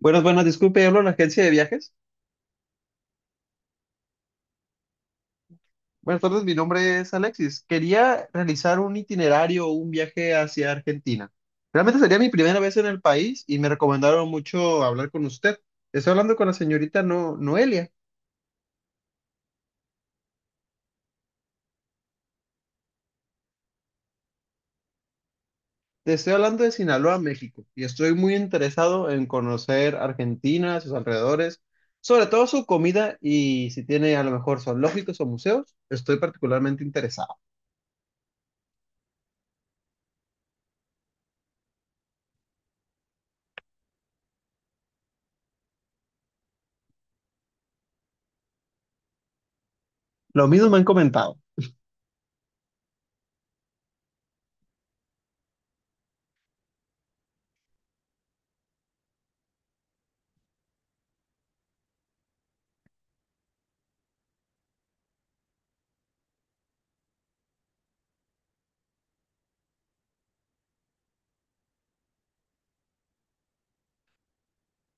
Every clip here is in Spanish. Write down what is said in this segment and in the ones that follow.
Buenas, buenas, disculpe, hablo en la agencia de viajes. Buenas tardes, mi nombre es Alexis. Quería realizar un itinerario o un viaje hacia Argentina. Realmente sería mi primera vez en el país y me recomendaron mucho hablar con usted. Estoy hablando con la señorita Noelia. Te estoy hablando de Sinaloa, México, y estoy muy interesado en conocer Argentina, sus alrededores, sobre todo su comida y si tiene a lo mejor zoológicos o museos, estoy particularmente interesado. Lo mismo me han comentado.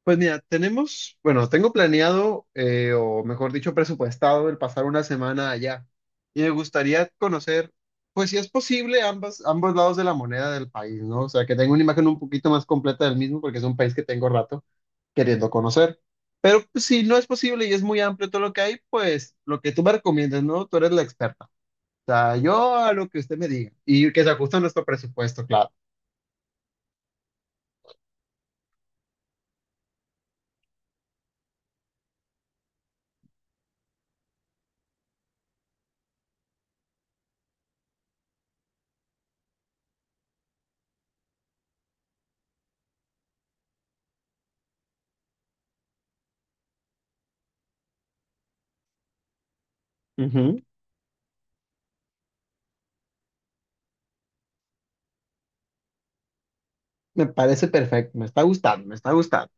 Pues mira, tenemos, bueno, tengo planeado, o mejor dicho, presupuestado el pasar una semana allá. Y me gustaría conocer, pues si es posible, ambos lados de la moneda del país, ¿no? O sea, que tenga una imagen un poquito más completa del mismo, porque es un país que tengo rato queriendo conocer. Pero pues, si no es posible y es muy amplio todo lo que hay, pues lo que tú me recomiendas, ¿no? Tú eres la experta. O sea, yo a lo que usted me diga y que se ajuste a nuestro presupuesto, claro. Ujú. Me parece perfecto, me está gustando, me está gustando.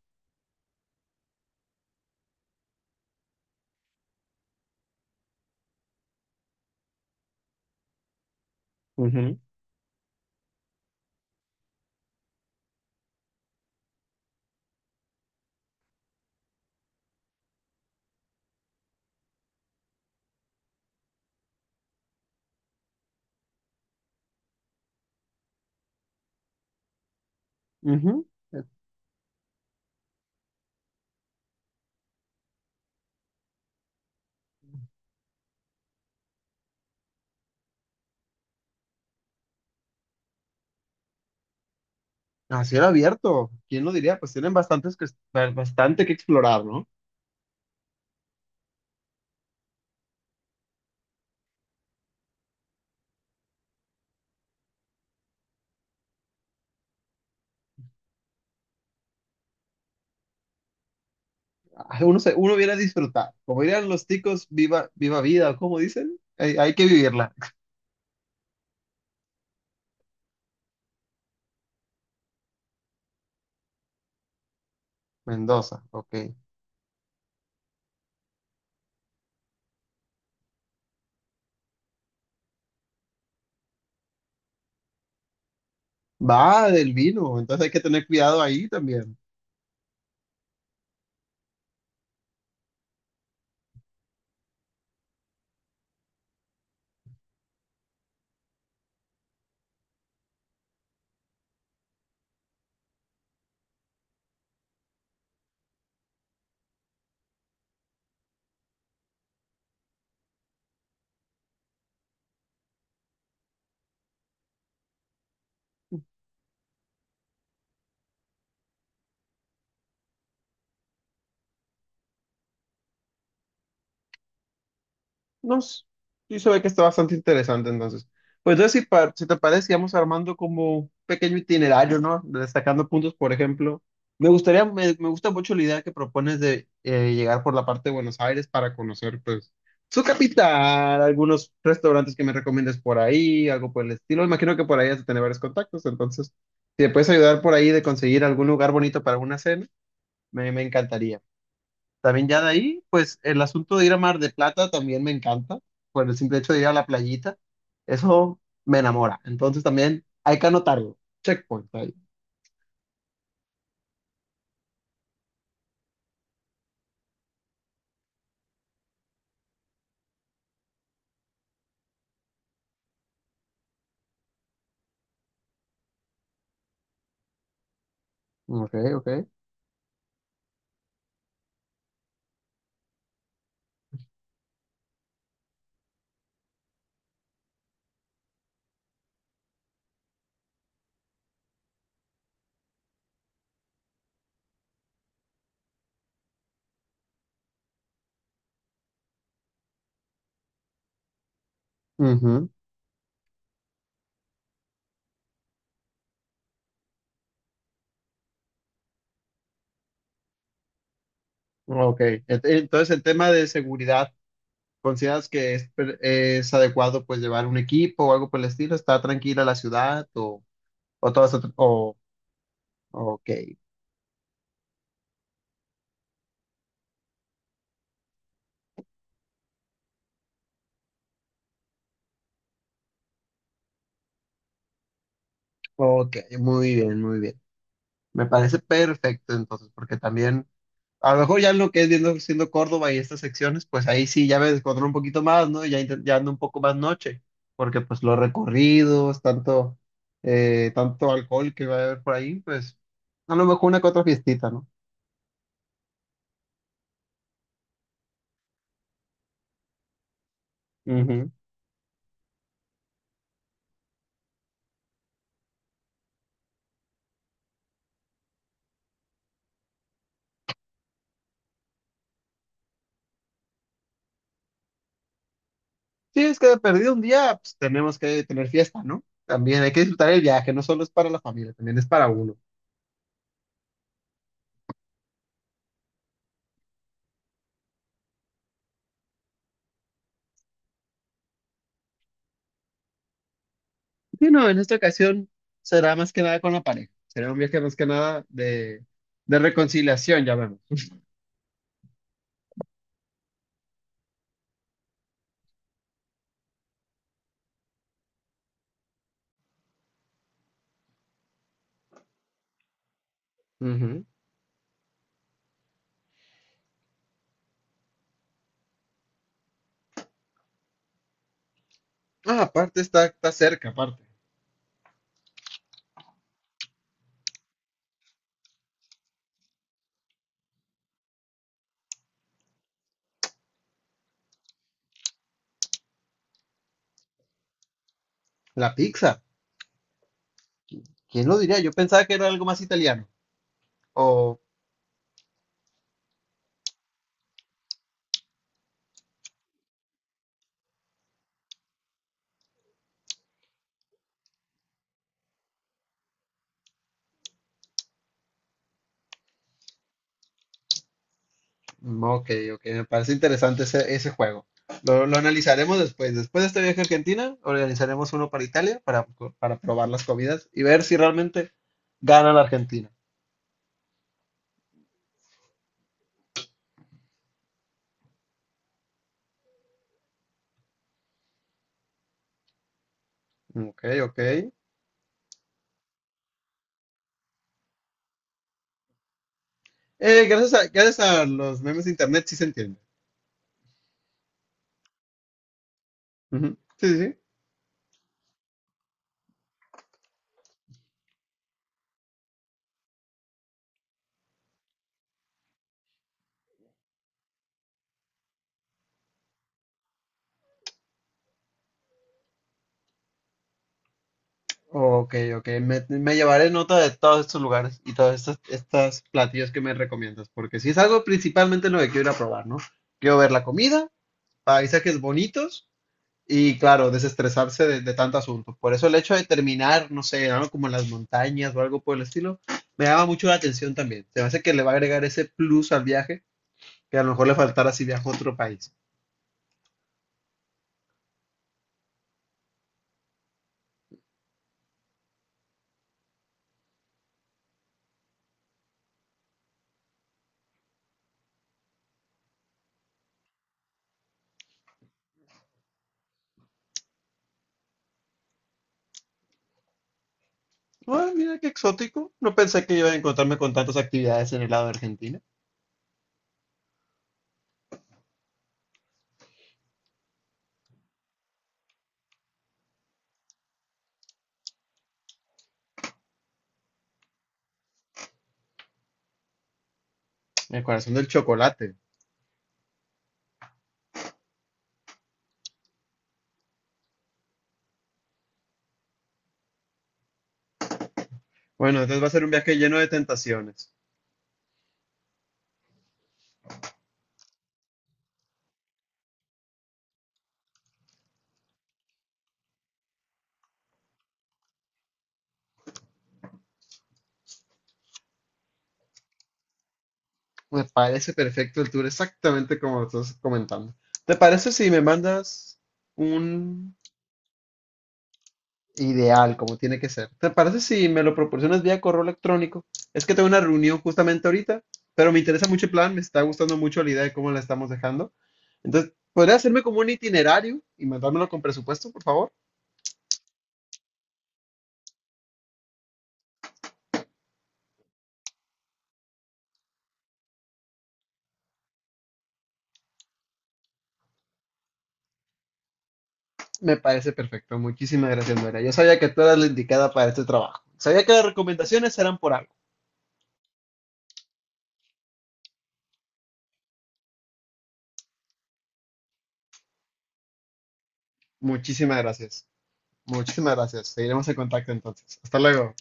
Ujú. A cielo abierto, ¿quién lo diría? Pues tienen bastante que explorar, ¿no? Ah, Uno, uno viene a disfrutar. Como dirían los ticos, viva, viva vida, ¿cómo dicen? Hay que vivirla. Mendoza, ok. Va del vino, entonces hay que tener cuidado ahí también. No, s- sí se ve que está bastante interesante entonces. Pues entonces, si te parece, vamos armando como un pequeño itinerario, ¿no? Destacando puntos, por ejemplo. Me gusta mucho la idea que propones de llegar por la parte de Buenos Aires para conocer, pues, su capital, algunos restaurantes que me recomiendes por ahí, algo por el estilo. Imagino que por ahí has de tener varios contactos, entonces, si te puedes ayudar por ahí de conseguir algún lugar bonito para una cena, me encantaría. También ya de ahí, pues el asunto de ir a Mar de Plata también me encanta, por el simple hecho de ir a la playita, eso me enamora. Entonces también hay que anotarlo. Checkpoint ahí. Ok, ok. Ujú. Ok. Entonces el tema de seguridad, ¿consideras que es adecuado pues llevar un equipo o algo por el estilo? ¿Está tranquila la ciudad o todo eso? O, ok, ok, muy bien, muy bien. Me parece perfecto entonces, porque también... A lo mejor ya lo que es viendo, siendo Córdoba y estas secciones, pues ahí sí ya me descontrolo un poquito más, ¿no? Y ya, ya ando un poco más noche, porque pues los tanto alcohol que va a haber por ahí, pues a lo mejor una que otra fiestita, ¿no? Ujú. Sí, es que de perdido un día, pues tenemos que tener fiesta, ¿no? También hay que disfrutar el viaje, no solo es para la familia, también es para uno. Sí, no, en esta ocasión será más que nada con la pareja, será un viaje más que nada de reconciliación, ya vemos. Ah, está cerca, aparte. La pizza. ¿Quién lo diría? Yo pensaba que era algo más italiano. O, mm, ok, ok, me parece interesante ese juego. Lo analizaremos después. Después de este viaje a Argentina, organizaremos uno para Italia para probar las comidas y ver si realmente gana la Argentina. Ok, ok. Gracias a los memes de internet sí se entiende. Ujú. Sí, sí, sí. Ok, ok. Me llevaré nota de todos estos lugares y todas estas platillos que me recomiendas, porque si es algo principalmente lo que quiero ir a probar, ¿no? Quiero ver la comida, paisajes bonitos y, claro, desestresarse de tanto asunto. Por eso el hecho de terminar, no sé, algo como en las montañas o algo por el estilo, me llama mucho la atención también. Se me hace que le va a agregar ese plus al viaje que a lo mejor le faltara si viajo a otro país. Ah, mira qué exótico. No pensé que iba a encontrarme con tantas actividades en el lado de Argentina. El corazón del chocolate. Bueno, entonces va a ser un viaje lleno de tentaciones. Me parece perfecto el tour, exactamente como lo estás comentando. ¿Te parece si me mandas un... Ideal, como tiene que ser. ¿Te parece si me lo proporcionas vía correo electrónico? Es que tengo una reunión justamente ahorita, pero me interesa mucho el plan, me está gustando mucho la idea de cómo la estamos dejando. Entonces, ¿podría hacerme como un itinerario y mandármelo con presupuesto, por favor? Me parece perfecto. Muchísimas gracias, Nora. Yo sabía que tú eras la indicada para este trabajo. Sabía que las recomendaciones eran por algo. Muchísimas gracias. Muchísimas gracias. Seguiremos en contacto entonces. Hasta luego.